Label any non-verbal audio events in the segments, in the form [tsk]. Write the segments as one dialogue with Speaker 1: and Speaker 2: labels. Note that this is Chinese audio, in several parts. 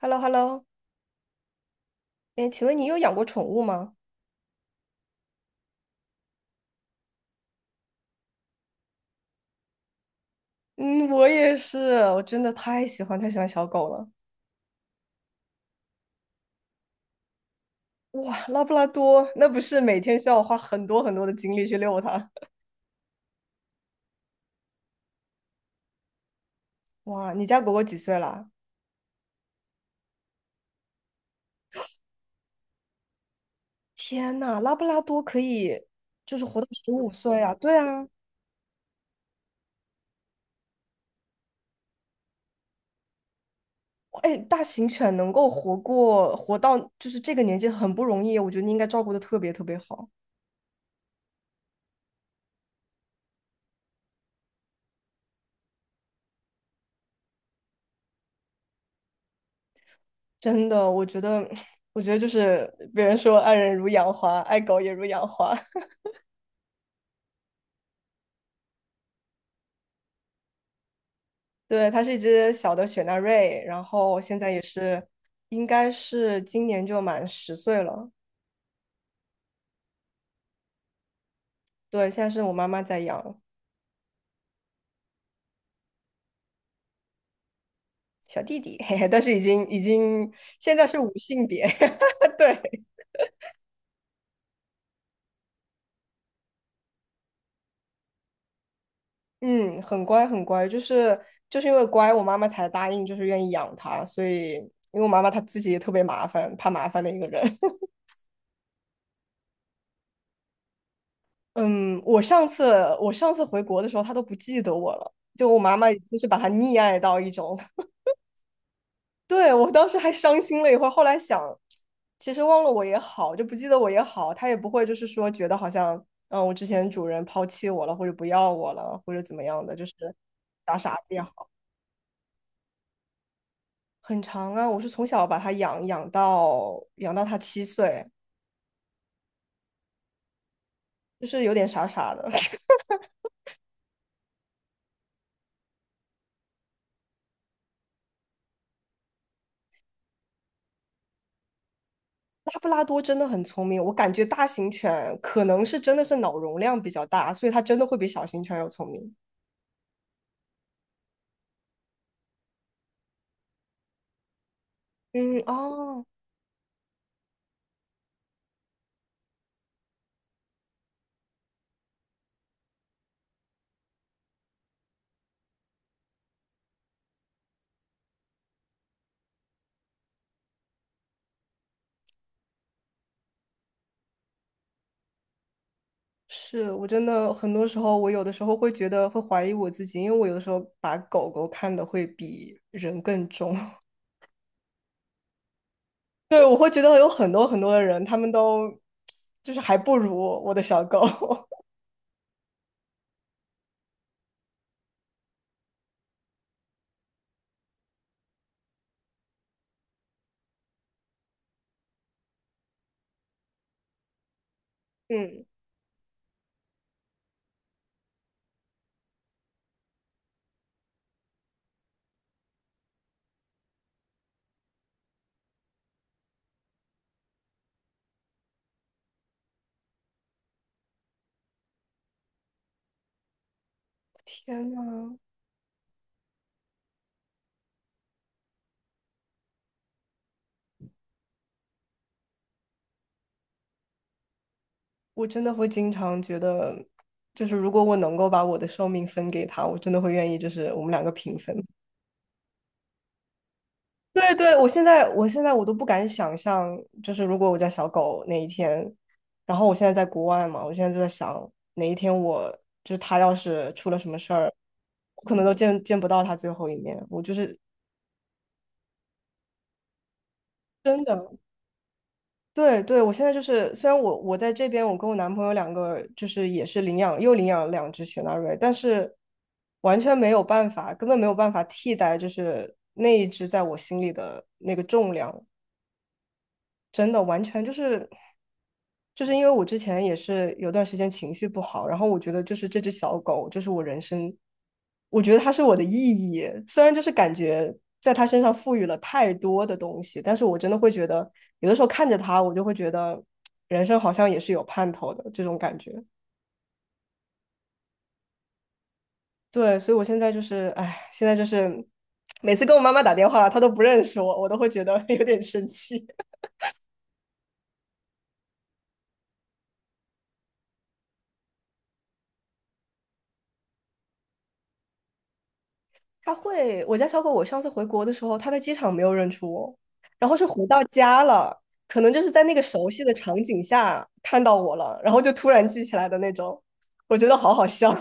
Speaker 1: h e l l o h e l l o 哎，请问你有养过宠物吗？嗯，我也是，我真的太喜欢小狗了。哇，拉布拉多，那不是每天需要我花很多很多的精力去遛它？[laughs] 哇，你家狗狗几岁了？天呐，拉布拉多可以就是活到十五岁啊！对啊，哎，大型犬能够活到就是这个年纪很不容易，我觉得你应该照顾的特别特别好。真的，我觉得，[sniffs] [tsk] 我觉得就是别人说爱人如养花，爱狗也如养花。对，它是一只小的雪纳瑞，然后现在也是，应该是今年就满10岁了。对，现在是我妈妈在养小弟弟，[laughs] 嘿嘿，但是已经现在是无性别，[laughs] 对，嗯，很乖很乖，就是因为乖，我妈妈才答应就是愿意养它，所以因为我妈妈她自己也特别麻烦，怕麻烦的一个人。[laughs] 嗯，我上次回国的时候，她都不记得我了，就我妈妈就是把它溺爱到一种。对，我当时还伤心了一会儿，后来想，其实忘了我也好，就不记得我也好，他也不会就是说觉得好像，我之前主人抛弃我了，或者不要我了，或者怎么样的，就是傻傻的也好，很长啊。我是从小把它养到它七岁，就是有点傻傻的。[laughs] 拉布拉多真的很聪明，我感觉大型犬可能是真的是脑容量比较大，所以它真的会比小型犬要聪明。嗯，哦，是我真的很多时候，我有的时候会觉得会怀疑我自己，因为我有的时候把狗狗看得会比人更重。[laughs] 对，我会觉得有很多很多的人，他们都就是还不如我的小狗。[laughs] 嗯，天呐，我真的会经常觉得，就是如果我能够把我的寿命分给他，我真的会愿意，就是我们两个平分。对对，我现在我现在我都不敢想象，就是如果我家小狗哪一天，然后我现在在国外嘛，我现在就在想哪一天我就是它要是出了什么事儿，我可能都见不到它最后一面。我就是真的，对对，我现在就是虽然我在这边，我跟我男朋友两个就是也是领养又领养了2只雪纳瑞，但是完全没有办法，根本没有办法替代就是那一只在我心里的那个重量。真的完全就是因为我之前也是有段时间情绪不好，然后我觉得就是这只小狗就是我人生，我觉得它是我的意义，虽然就是感觉在它身上赋予了太多的东西，但是我真的会觉得有的时候看着它，我就会觉得人生好像也是有盼头的这种感觉。对，所以我现在就是，哎，现在就是每次跟我妈妈打电话，她都不认识我，我都会觉得 [laughs] 有点生气。它会，我家小狗，我上次回国的时候，它在机场没有认出我，然后是回到家了，可能就是在那个熟悉的场景下看到我了，然后就突然记起来的那种，我觉得好好笑，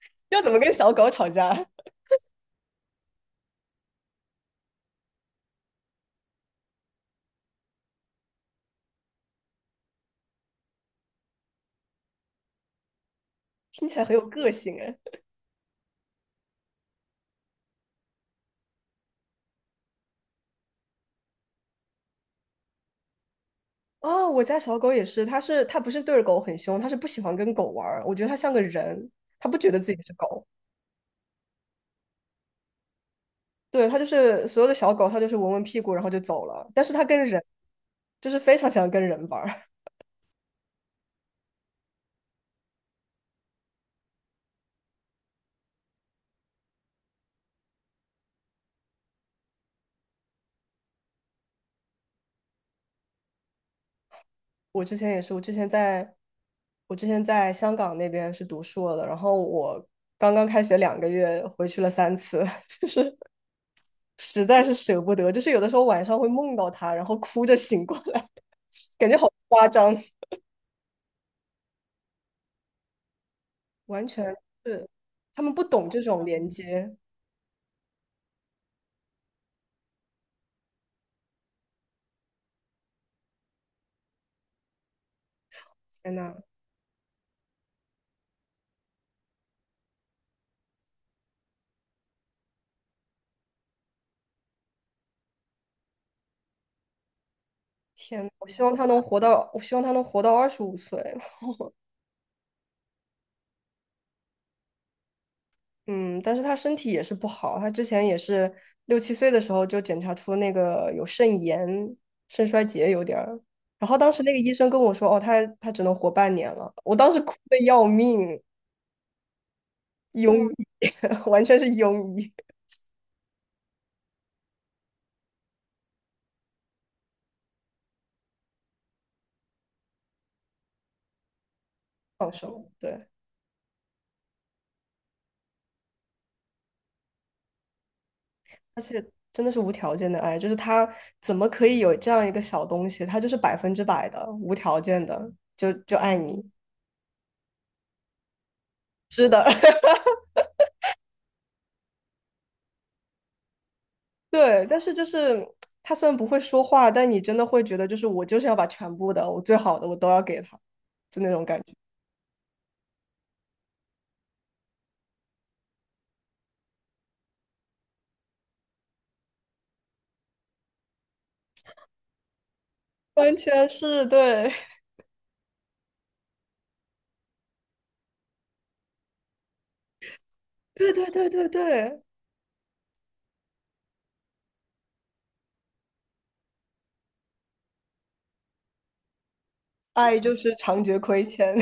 Speaker 1: [laughs] 要怎么跟小狗吵架？[laughs] 听起来很有个性哎。哦，我家小狗也是，它不是对着狗很凶，它是不喜欢跟狗玩儿，我觉得它像个人，它不觉得自己是狗，对，它就是所有的小狗，它就是闻闻屁股然后就走了，但是它跟人就是非常喜欢跟人玩儿。我之前也是，我之前在香港那边是读硕的，然后我刚刚开学2个月，回去了3次，[laughs] 就是实在是舍不得，就是有的时候晚上会梦到他，然后哭着醒过来，[laughs] 感觉好夸张，完全是他们不懂这种连接。天呐，天呐，我希望他能活到二十五岁。嗯，但是他身体也是不好，他之前也是六七岁的时候就检查出那个有肾炎、肾衰竭有点儿，然后当时那个医生跟我说，哦，他只能活半年了，我当时哭的要命，庸医，[laughs] 完全是庸医，放手，对，而且真的是无条件的爱，就是他怎么可以有这样一个小东西，他就是100%的无条件的，就爱你，是的，[laughs] 对，但是就是他虽然不会说话，但你真的会觉得，就是我就是要把全部的，我最好的，我都要给他，就那种感觉，完全是对，[laughs] 对对对对对，爱就是常觉亏欠。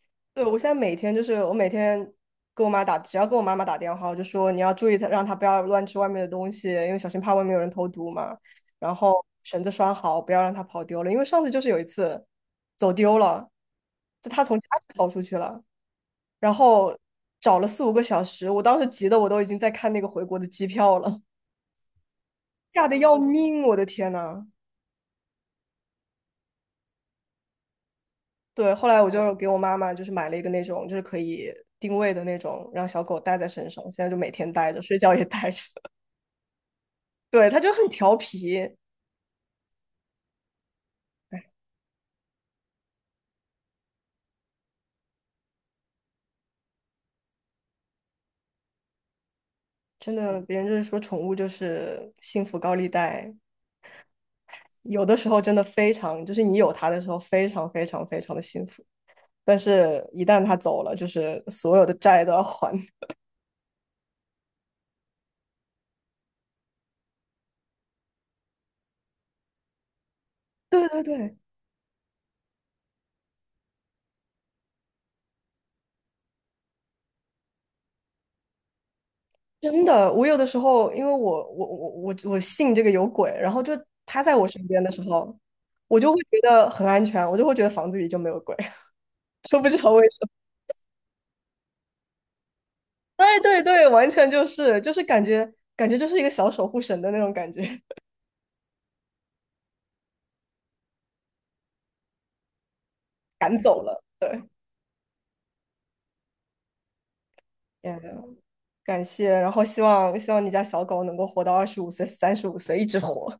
Speaker 1: [laughs] 对，我现在每天就是我每天跟我妈打，只要跟我妈妈打电话，我就说你要注意她，让她不要乱吃外面的东西，因为小心怕外面有人投毒嘛。然后绳子拴好，不要让它跑丢了，因为上次就是有一次走丢了，就他从家里跑出去了。然后找了4、5个小时，我当时急的我都已经在看那个回国的机票了，[laughs] 吓得要命，我的天呐！对，后来我就给我妈妈就是买了一个那种就是可以定位的那种，让小狗带在身上，现在就每天带着，睡觉也带着。[laughs] 对，它就很调皮，真的，别人就是说宠物就是幸福高利贷，有的时候真的非常，就是你有它的时候非常非常非常的幸福，但是一旦它走了，就是所有的债都要还。[laughs] 对对对，真的，我有的时候，因为我信这个有鬼，然后就他在我身边的时候，我就会觉得很安全，我就会觉得房子里就没有鬼，[laughs] 说不知道为什么。对对对，完全就是感觉就是一个小守护神的那种感觉，[laughs] 赶走了。对，嗯，感谢，然后希望你家小狗能够活到二十五岁、35岁，一直活。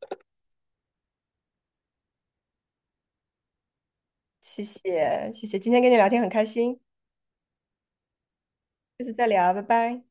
Speaker 1: 谢谢谢谢，今天跟你聊天很开心，下次再聊，拜拜。